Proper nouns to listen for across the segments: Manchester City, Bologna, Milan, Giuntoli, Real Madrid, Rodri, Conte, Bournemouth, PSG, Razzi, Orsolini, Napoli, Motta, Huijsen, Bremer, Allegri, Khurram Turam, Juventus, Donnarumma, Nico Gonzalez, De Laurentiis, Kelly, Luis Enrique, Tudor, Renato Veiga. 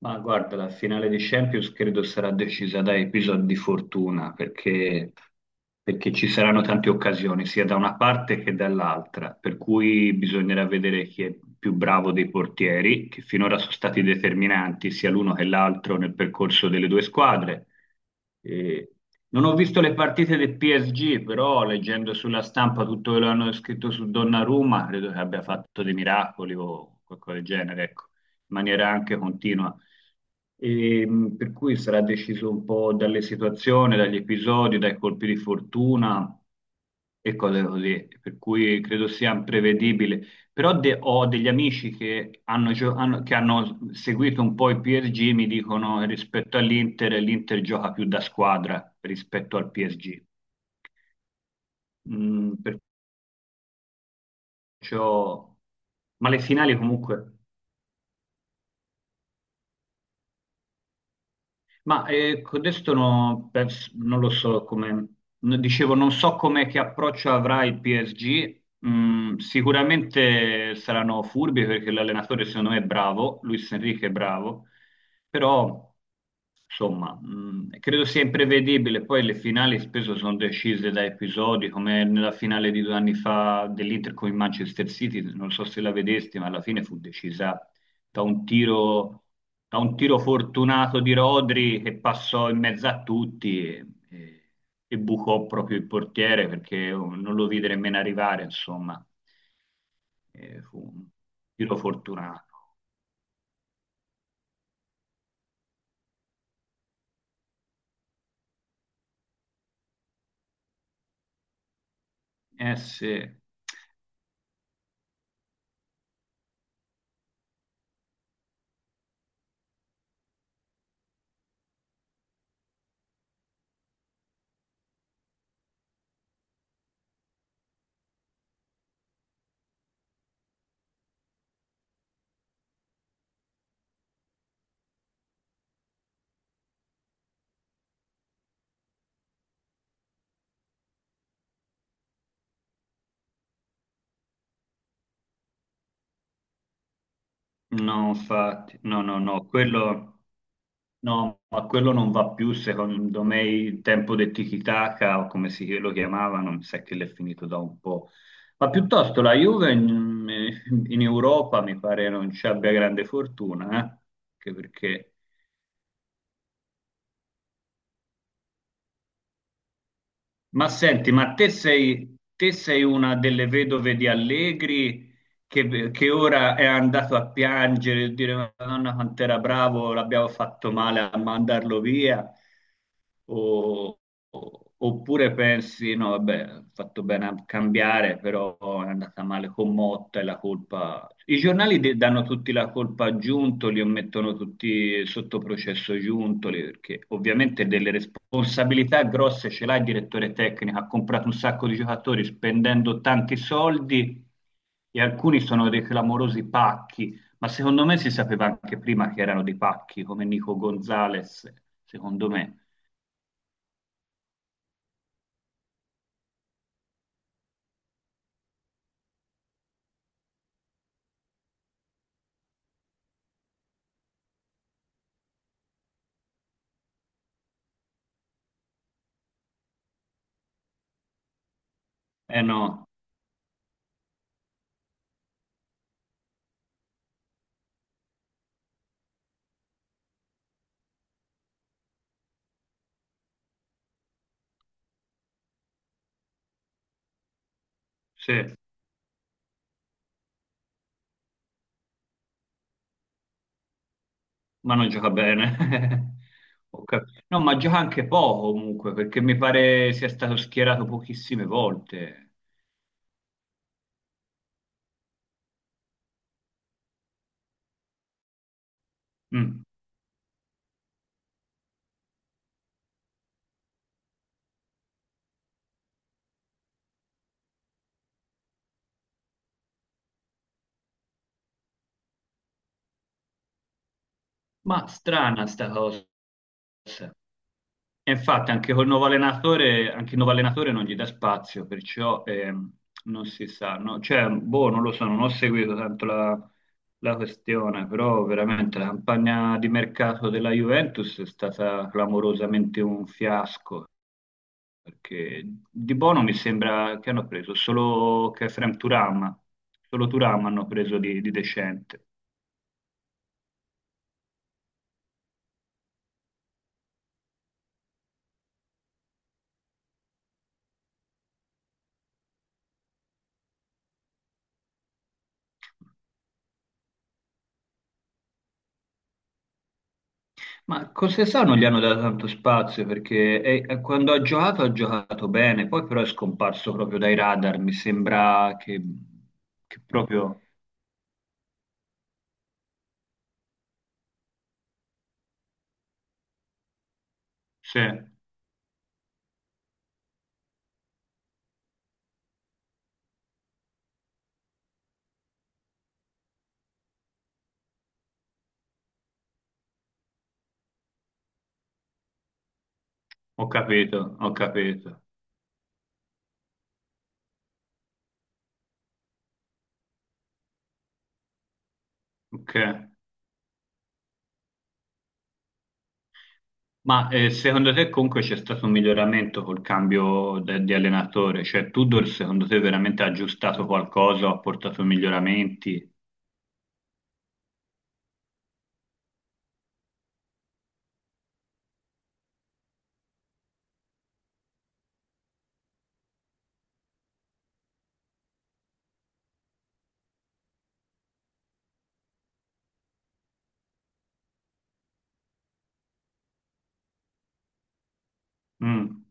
Ma guarda, la finale di Champions credo sarà decisa da episodi di fortuna, perché ci saranno tante occasioni, sia da una parte che dall'altra, per cui bisognerà vedere chi è più bravo dei portieri, che finora sono stati determinanti sia l'uno che l'altro nel percorso delle due squadre. E non ho visto le partite del PSG, però leggendo sulla stampa tutto quello che hanno scritto su Donnarumma, credo che abbia fatto dei miracoli o qualcosa del genere, ecco, in maniera anche continua. E, per cui sarà deciso un po' dalle situazioni, dagli episodi, dai colpi di fortuna e cose così, per cui credo sia imprevedibile. Però ho degli amici che che hanno seguito un po' il PSG, mi dicono che rispetto all'Inter, l'Inter gioca più da squadra rispetto al PSG. Mm, perciò... Ma le finali comunque... Ma adesso no, non lo so come, no, dicevo, non so come che approccio avrà il PSG. Mm, sicuramente saranno furbi perché l'allenatore secondo me è bravo, Luis Enrique è bravo, però insomma, credo sia imprevedibile. Poi le finali spesso sono decise da episodi, come nella finale di due anni fa dell'Inter con il Manchester City, non so se la vedesti, ma alla fine fu decisa da un tiro, da un tiro fortunato di Rodri che passò in mezzo a tutti e bucò proprio il portiere perché non lo vide nemmeno arrivare, insomma. Fu un tiro fortunato. Eh sì. No, infatti, no, no, no, quello, no, ma quello non va più, secondo me, il tempo del tiki-taka, o come si lo chiamavano, mi sa che l'è finito da un po'. Ma piuttosto la Juve in Europa mi pare non ci abbia grande fortuna, eh? Anche perché... Ma senti, ma te sei una delle vedove di Allegri che ora è andato a piangere e dire Madonna quant'era bravo, l'abbiamo fatto male a mandarlo via. O- Oppure pensi, no, vabbè, ho fatto bene a cambiare, però è andata male con Motta e la colpa... I giornali danno tutti la colpa a Giuntoli o mettono tutti sotto processo Giuntoli, perché ovviamente delle responsabilità grosse ce l'ha il direttore tecnico, ha comprato un sacco di giocatori spendendo tanti soldi e alcuni sono dei clamorosi pacchi, ma secondo me si sapeva anche prima che erano dei pacchi, come Nico Gonzalez, secondo me. Eh no, sì, ma non gioca bene. No, ma gioca anche poco comunque, perché mi pare sia stato schierato pochissime volte. Mm. Ma strana sta cosa. E infatti anche col nuovo allenatore, anche il nuovo allenatore non gli dà spazio, perciò non si sa, no? Cioè, boh, non lo so, non ho seguito tanto la questione, però veramente la campagna di mercato della Juventus è stata clamorosamente un fiasco. Perché di buono mi sembra che hanno preso solo Khurram Turam, solo Turam hanno preso di decente. Ma cosa sa non gli hanno dato tanto spazio perché quando ha giocato bene, poi però è scomparso proprio dai radar, mi sembra che proprio... Sì, ho capito, ho capito. Ok. Ma secondo te comunque c'è stato un miglioramento col cambio di allenatore? Cioè Tudor secondo te veramente ha aggiustato qualcosa o ha portato miglioramenti? Mm.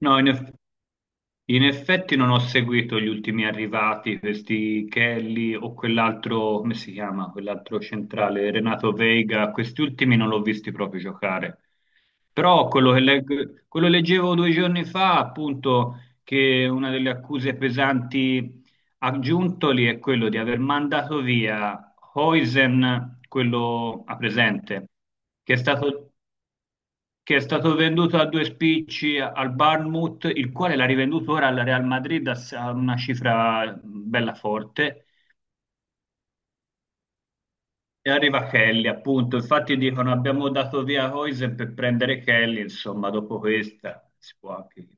No, in eff- In effetti non ho seguito gli ultimi arrivati, questi Kelly o quell'altro, come si chiama, quell'altro centrale, Renato Veiga, questi ultimi non l'ho visti proprio giocare. Però quello leggevo due giorni fa, appunto, che una delle accuse pesanti a Giuntoli è quello di aver mandato via Huijsen, quello a presente, che è stato che è stato venduto a due spicci al Bournemouth, il quale l'ha rivenduto ora al Real Madrid a una cifra bella forte. E arriva Kelly, appunto. Infatti dicono abbiamo dato via Hoysen per prendere Kelly, insomma, dopo questa si può anche...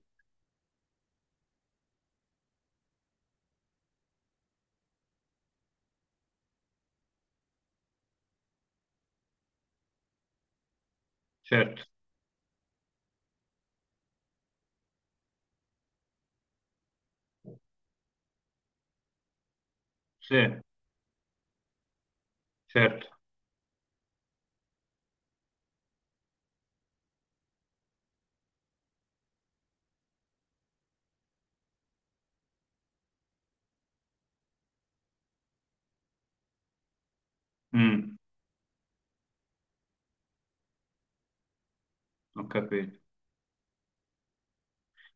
Certo, sì, certo. Mm, ho capito.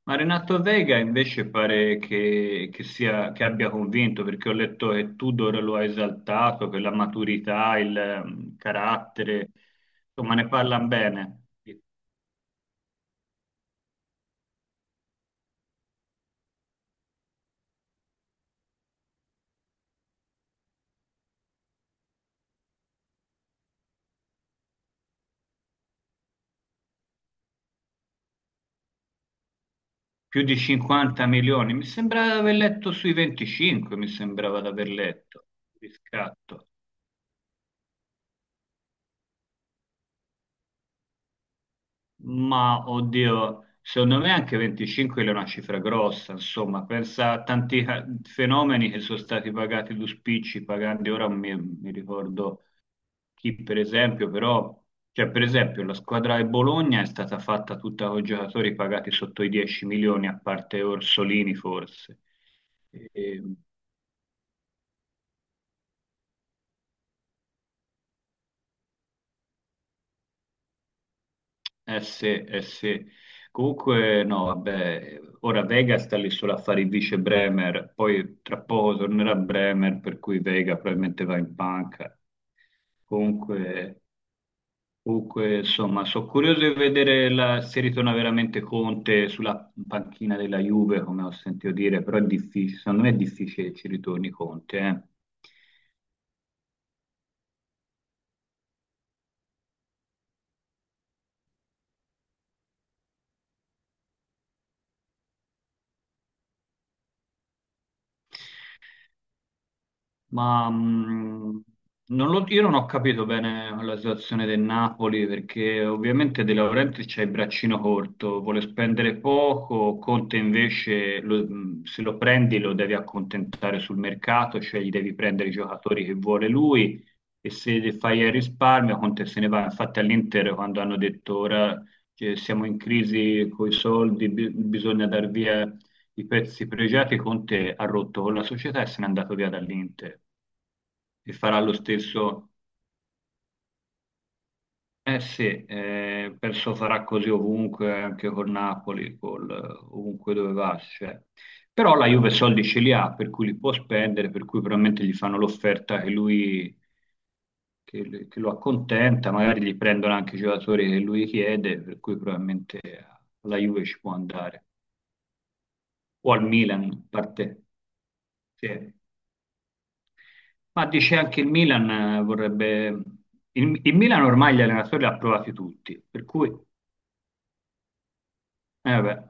Ma Renato Vega invece pare che sia, che abbia convinto, perché ho letto che Tudor lo ha esaltato per la maturità, il carattere, insomma ne parlano bene. Più di 50 milioni, mi sembrava di aver letto sui 25, mi sembrava di aver letto, di scatto. Ma oddio, secondo me anche 25 è una cifra grossa, insomma, pensa a tanti fenomeni che sono stati pagati due spicci, pagando ora mi ricordo chi per esempio però, cioè per esempio la squadra del Bologna è stata fatta tutta con giocatori pagati sotto i 10 milioni, a parte Orsolini forse. E, eh sì, eh sì. Comunque no, vabbè, ora Vega sta lì solo a fare il vice Bremer, poi tra poco tornerà Bremer, per cui Vega probabilmente va in panca. Comunque... Comunque, insomma, sono curioso di vedere se ritorna veramente Conte sulla panchina della Juve, come ho sentito dire, però è difficile, secondo me è difficile che ci ritorni Conte, eh. Ma non lo- io non ho capito bene la situazione del Napoli perché ovviamente De Laurentiis c'ha il braccino corto, vuole spendere poco, Conte invece se lo prendi lo devi accontentare sul mercato, cioè gli devi prendere i giocatori che vuole lui e se fai il risparmio Conte se ne va. Infatti all'Inter quando hanno detto ora che siamo in crisi con i soldi, bisogna dar via i pezzi pregiati, Conte ha rotto con la società e se n'è andato via dall'Inter e farà lo stesso. Eh sì, penso farà così ovunque, anche con Napoli, col, ovunque dove va, cioè. Però la Juve soldi ce li ha, per cui li può spendere, per cui probabilmente gli fanno l'offerta che lo accontenta, magari gli prendono anche i giocatori che lui chiede, per cui probabilmente alla Juve ci può andare. O al Milan, a parte... sì. Ma dice anche il Milan vorrebbe... il Milan ormai gli allenatori li ha provati tutti, per cui... Eh beh,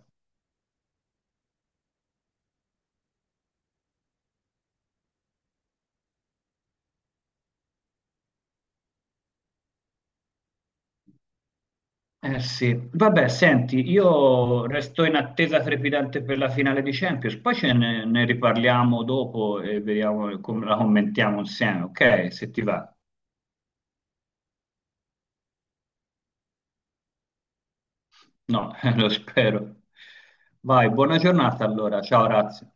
eh sì. Vabbè, senti, io resto in attesa trepidante per la finale di Champions, poi ne riparliamo dopo e vediamo come la commentiamo insieme, ok? Se ti va. No, lo spero. Vai, buona giornata allora. Ciao, Razzi.